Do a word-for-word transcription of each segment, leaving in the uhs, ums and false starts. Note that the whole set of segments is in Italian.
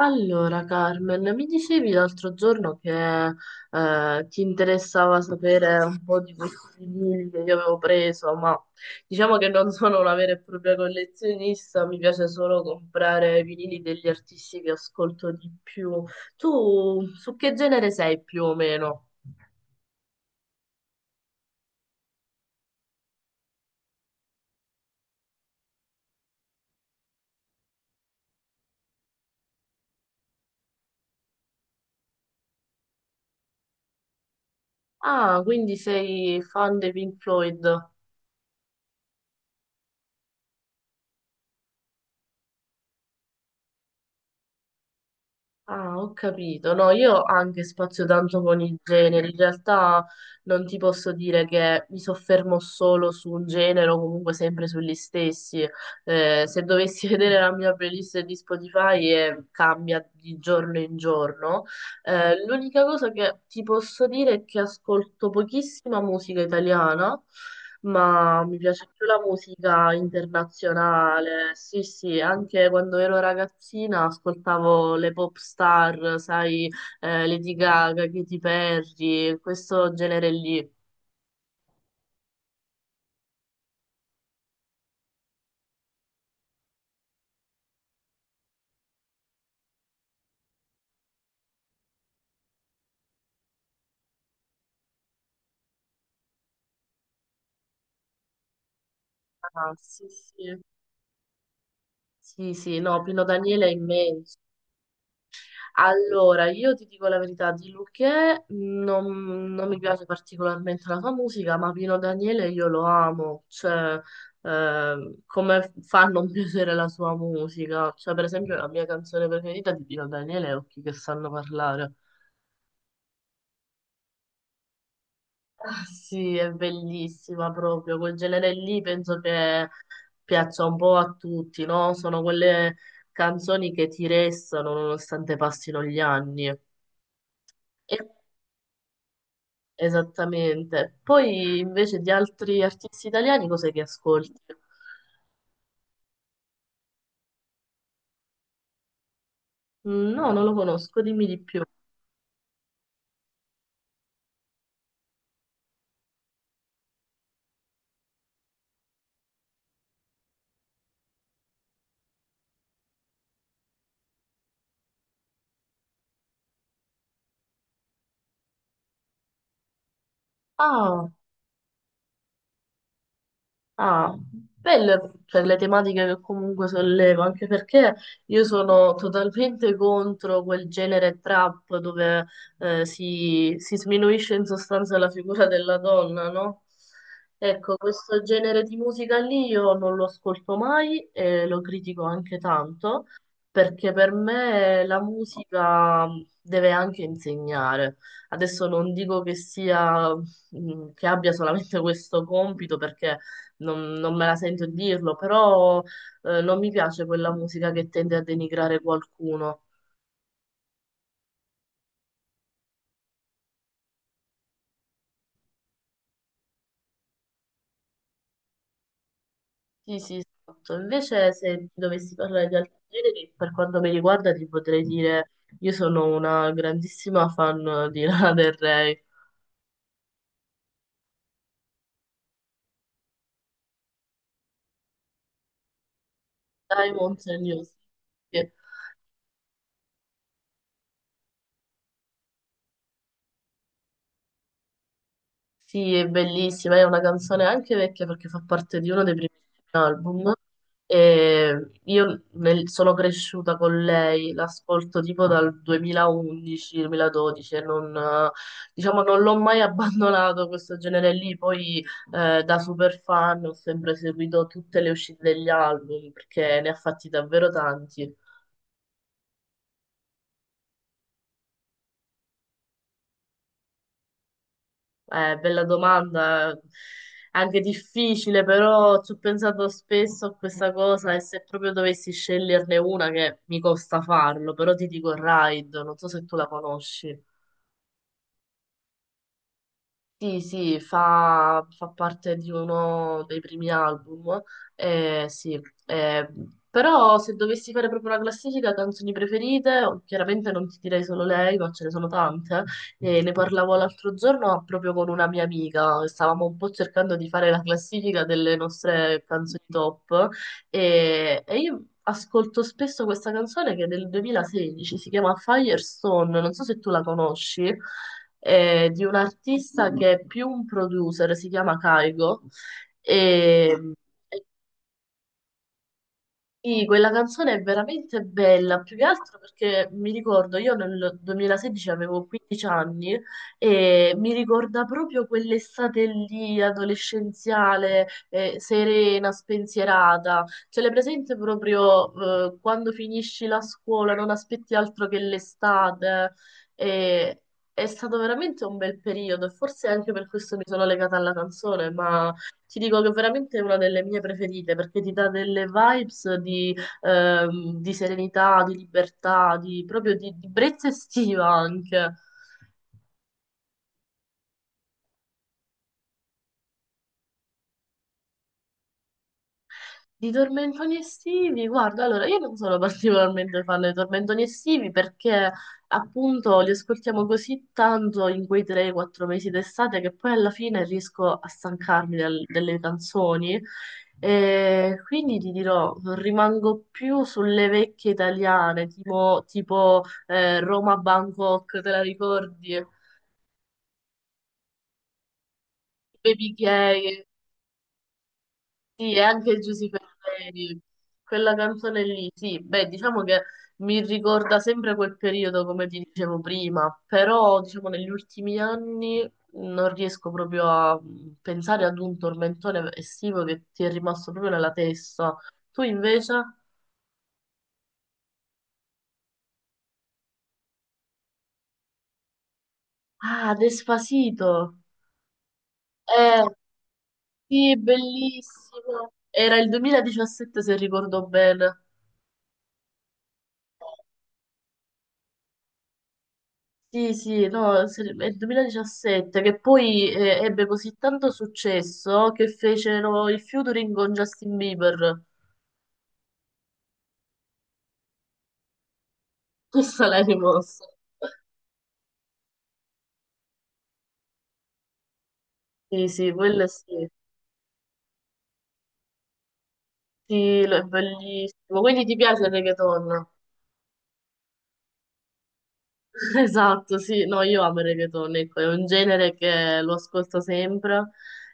Allora, Carmen, mi dicevi l'altro giorno che eh, ti interessava sapere un po' di questi libri che io avevo preso, ma diciamo che non sono una vera e propria collezionista, mi piace solo comprare i vinili degli artisti che ascolto di più. Tu su che genere sei più o meno? Ah, quindi sei fan dei Pink Floyd? Ah, ho capito. No, io anche spazio tanto con i generi. In realtà non ti posso dire che mi soffermo solo su un genere o comunque sempre sugli stessi. Eh, se dovessi vedere la mia playlist di Spotify, eh, cambia di giorno in giorno. Eh, l'unica cosa che ti posso dire è che ascolto pochissima musica italiana, ma mi piace più la musica internazionale. Sì, sì, anche quando ero ragazzina ascoltavo le pop star, sai, eh, Lady Gaga, Katy Perry, questo genere lì. Ah, sì, sì. Sì, sì, no, Pino Daniele è immenso. Allora, io ti dico la verità, di Luchè non, non mi piace particolarmente la sua musica, ma Pino Daniele io lo amo, cioè ehm, come fa a non piacere la sua musica? Cioè, per esempio, la mia canzone preferita di Pino Daniele è Occhi che sanno parlare. Ah, sì, è bellissima proprio, quel genere lì penso che piaccia un po' a tutti, no? Sono quelle canzoni che ti restano nonostante passino gli anni. E Esattamente. Poi invece di altri artisti italiani, cos'è che ascolti? Mm, no, non lo conosco, dimmi di più. Ah, ah, belle per le tematiche che comunque sollevo, anche perché io sono totalmente contro quel genere trap dove eh, si, si sminuisce in sostanza la figura della donna, no? Ecco, questo genere di musica lì io non lo ascolto mai e lo critico anche tanto, perché per me la musica deve anche insegnare. Adesso non dico che sia, mh, che abbia solamente questo compito, perché non, non me la sento di dirlo, però eh, non mi piace quella musica che tende a denigrare qualcuno. Sì, sì, esatto. Invece se dovessi parlare di altri generi, per quanto mi riguarda, ti potrei dire, io sono una grandissima fan di Lana Del Rey, Diamonds and News. Sì, è bellissima, è una canzone anche vecchia perché fa parte di uno dei primi album. E io nel- sono cresciuta con lei, l'ascolto tipo dal duemilaundici-duemiladodici e non, eh, diciamo, non l'ho mai abbandonato questo genere lì. Poi eh, da super fan ho sempre seguito tutte le uscite degli album perché ne ha fatti davvero tanti. Eh, bella domanda, anche difficile, però ci ho pensato spesso a questa cosa e se proprio dovessi sceglierne una che mi costa farlo, però ti dico Ride, non so se tu la conosci. Sì, sì, fa, fa parte di uno dei primi album, eh, sì. eh, Però se dovessi fare proprio una classifica canzoni preferite, oh, chiaramente non ti direi solo lei, ma ce ne sono tante. E ne parlavo l'altro giorno proprio con una mia amica, stavamo un po' cercando di fare la classifica delle nostre canzoni top e, e io ascolto spesso questa canzone che è del duemilasedici, si chiama Firestone, non so se tu la conosci eh, di un artista che è più un producer, si chiama Kaigo. E, sì, quella canzone è veramente bella, più che altro perché mi ricordo, io nel duemilasedici avevo quindici anni e mi ricorda proprio quell'estate lì, adolescenziale, eh, serena, spensierata. Ce l'hai presente proprio, eh, quando finisci la scuola, non aspetti altro che l'estate. E è stato veramente un bel periodo e forse anche per questo mi sono legata alla canzone, ma ti dico che veramente è una delle mie preferite perché ti dà delle vibes di, ehm, di serenità, di libertà, di, proprio di, di brezza estiva anche. Di tormentoni estivi, guarda, allora io non sono particolarmente fan dei tormentoni estivi perché appunto li ascoltiamo così tanto in quei tre o quattro mesi d'estate che poi alla fine riesco a stancarmi del- delle canzoni e quindi ti dirò, rimango più sulle vecchie italiane, tipo, tipo, eh, Roma Bangkok, te la ricordi? Baby Gay. Sì, e anche Giuseppe Ferreri, quella canzone lì, sì, beh, diciamo che mi ricorda sempre quel periodo, come ti dicevo prima, però diciamo negli ultimi anni non riesco proprio a pensare ad un tormentone estivo che ti è rimasto proprio nella testa. Tu invece? Ah, Despacito! Eh, sì, bellissimo! Era il duemiladiciassette se ricordo bene. Sì, sì, no, se- è il duemiladiciassette che poi eh, ebbe così tanto successo che fecero il featuring con Justin Bieber. Questa l'hai rimossa. Sì, sì, quella sì. Sì, lo- è bellissimo. Quindi ti piace il reggaeton? Esatto, sì, no, io amo il reggaeton, ecco, è un genere che lo ascolto sempre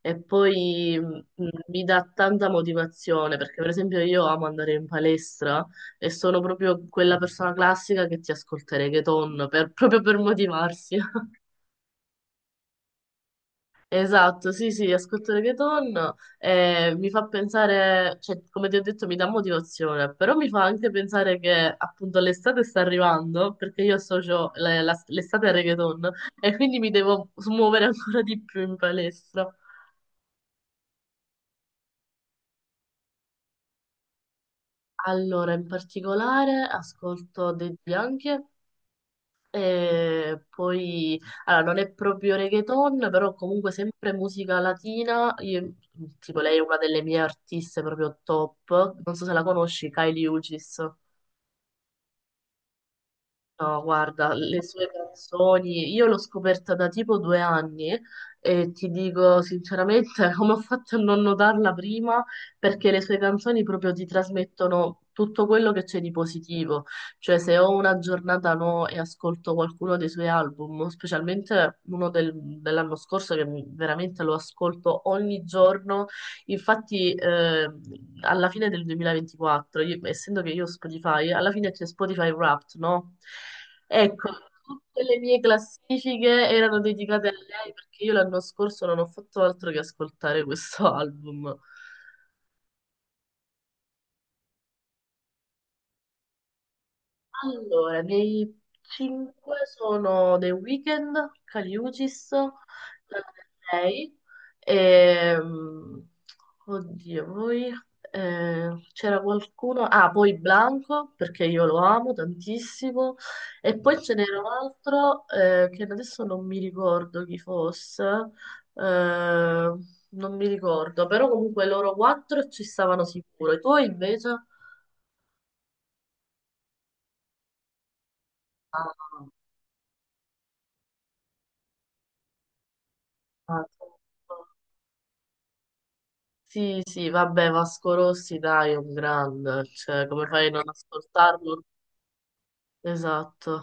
e poi mh, mi dà tanta motivazione perché per esempio io amo andare in palestra e sono proprio quella persona classica che ti ascolta il reggaeton per- proprio per motivarsi. Esatto, sì, sì, ascolto reggaeton e mi fa pensare, cioè, come ti ho detto, mi dà motivazione, però mi fa anche pensare che appunto l'estate sta arrivando, perché io associo la- la- l'estate al reggaeton e quindi mi devo smuovere ancora di più in palestra. Allora, in particolare ascolto dei Bianchi. E poi, allora, non è proprio reggaeton, però comunque sempre musica latina. Io- tipo, lei è una delle mie artiste proprio top. Non so se la conosci, Kylie Uchis. No, guarda, le sue canzoni, io l'ho scoperta da tipo due anni e ti dico sinceramente come ho fatto a non notarla prima, perché le sue canzoni proprio ti trasmettono tutto quello che c'è di positivo. Cioè, se ho una giornata no e ascolto qualcuno dei suoi album, specialmente uno del- dell'anno scorso che mi- veramente lo ascolto ogni giorno. Infatti, eh, alla fine del duemilaventiquattro, io- essendo che io ho Spotify, alla fine c'è Spotify Wrapped, no? Ecco, tutte le mie classifiche erano dedicate a lei perché io l'anno scorso non ho fatto altro che ascoltare questo album. Allora, dei cinque sono The Weeknd, Caliucis, lei, e, oddio, poi eh, c'era qualcuno, ah, poi Blanco, perché io lo amo tantissimo, e poi ce n'era un altro eh, che adesso non mi ricordo chi fosse, eh, non mi ricordo, però comunque loro quattro ci stavano sicuro, e tu invece? Ah, ah, sì, sì, vabbè, Vasco Rossi, dai, è un grande, cioè, come fai a non ascoltarlo? Esatto.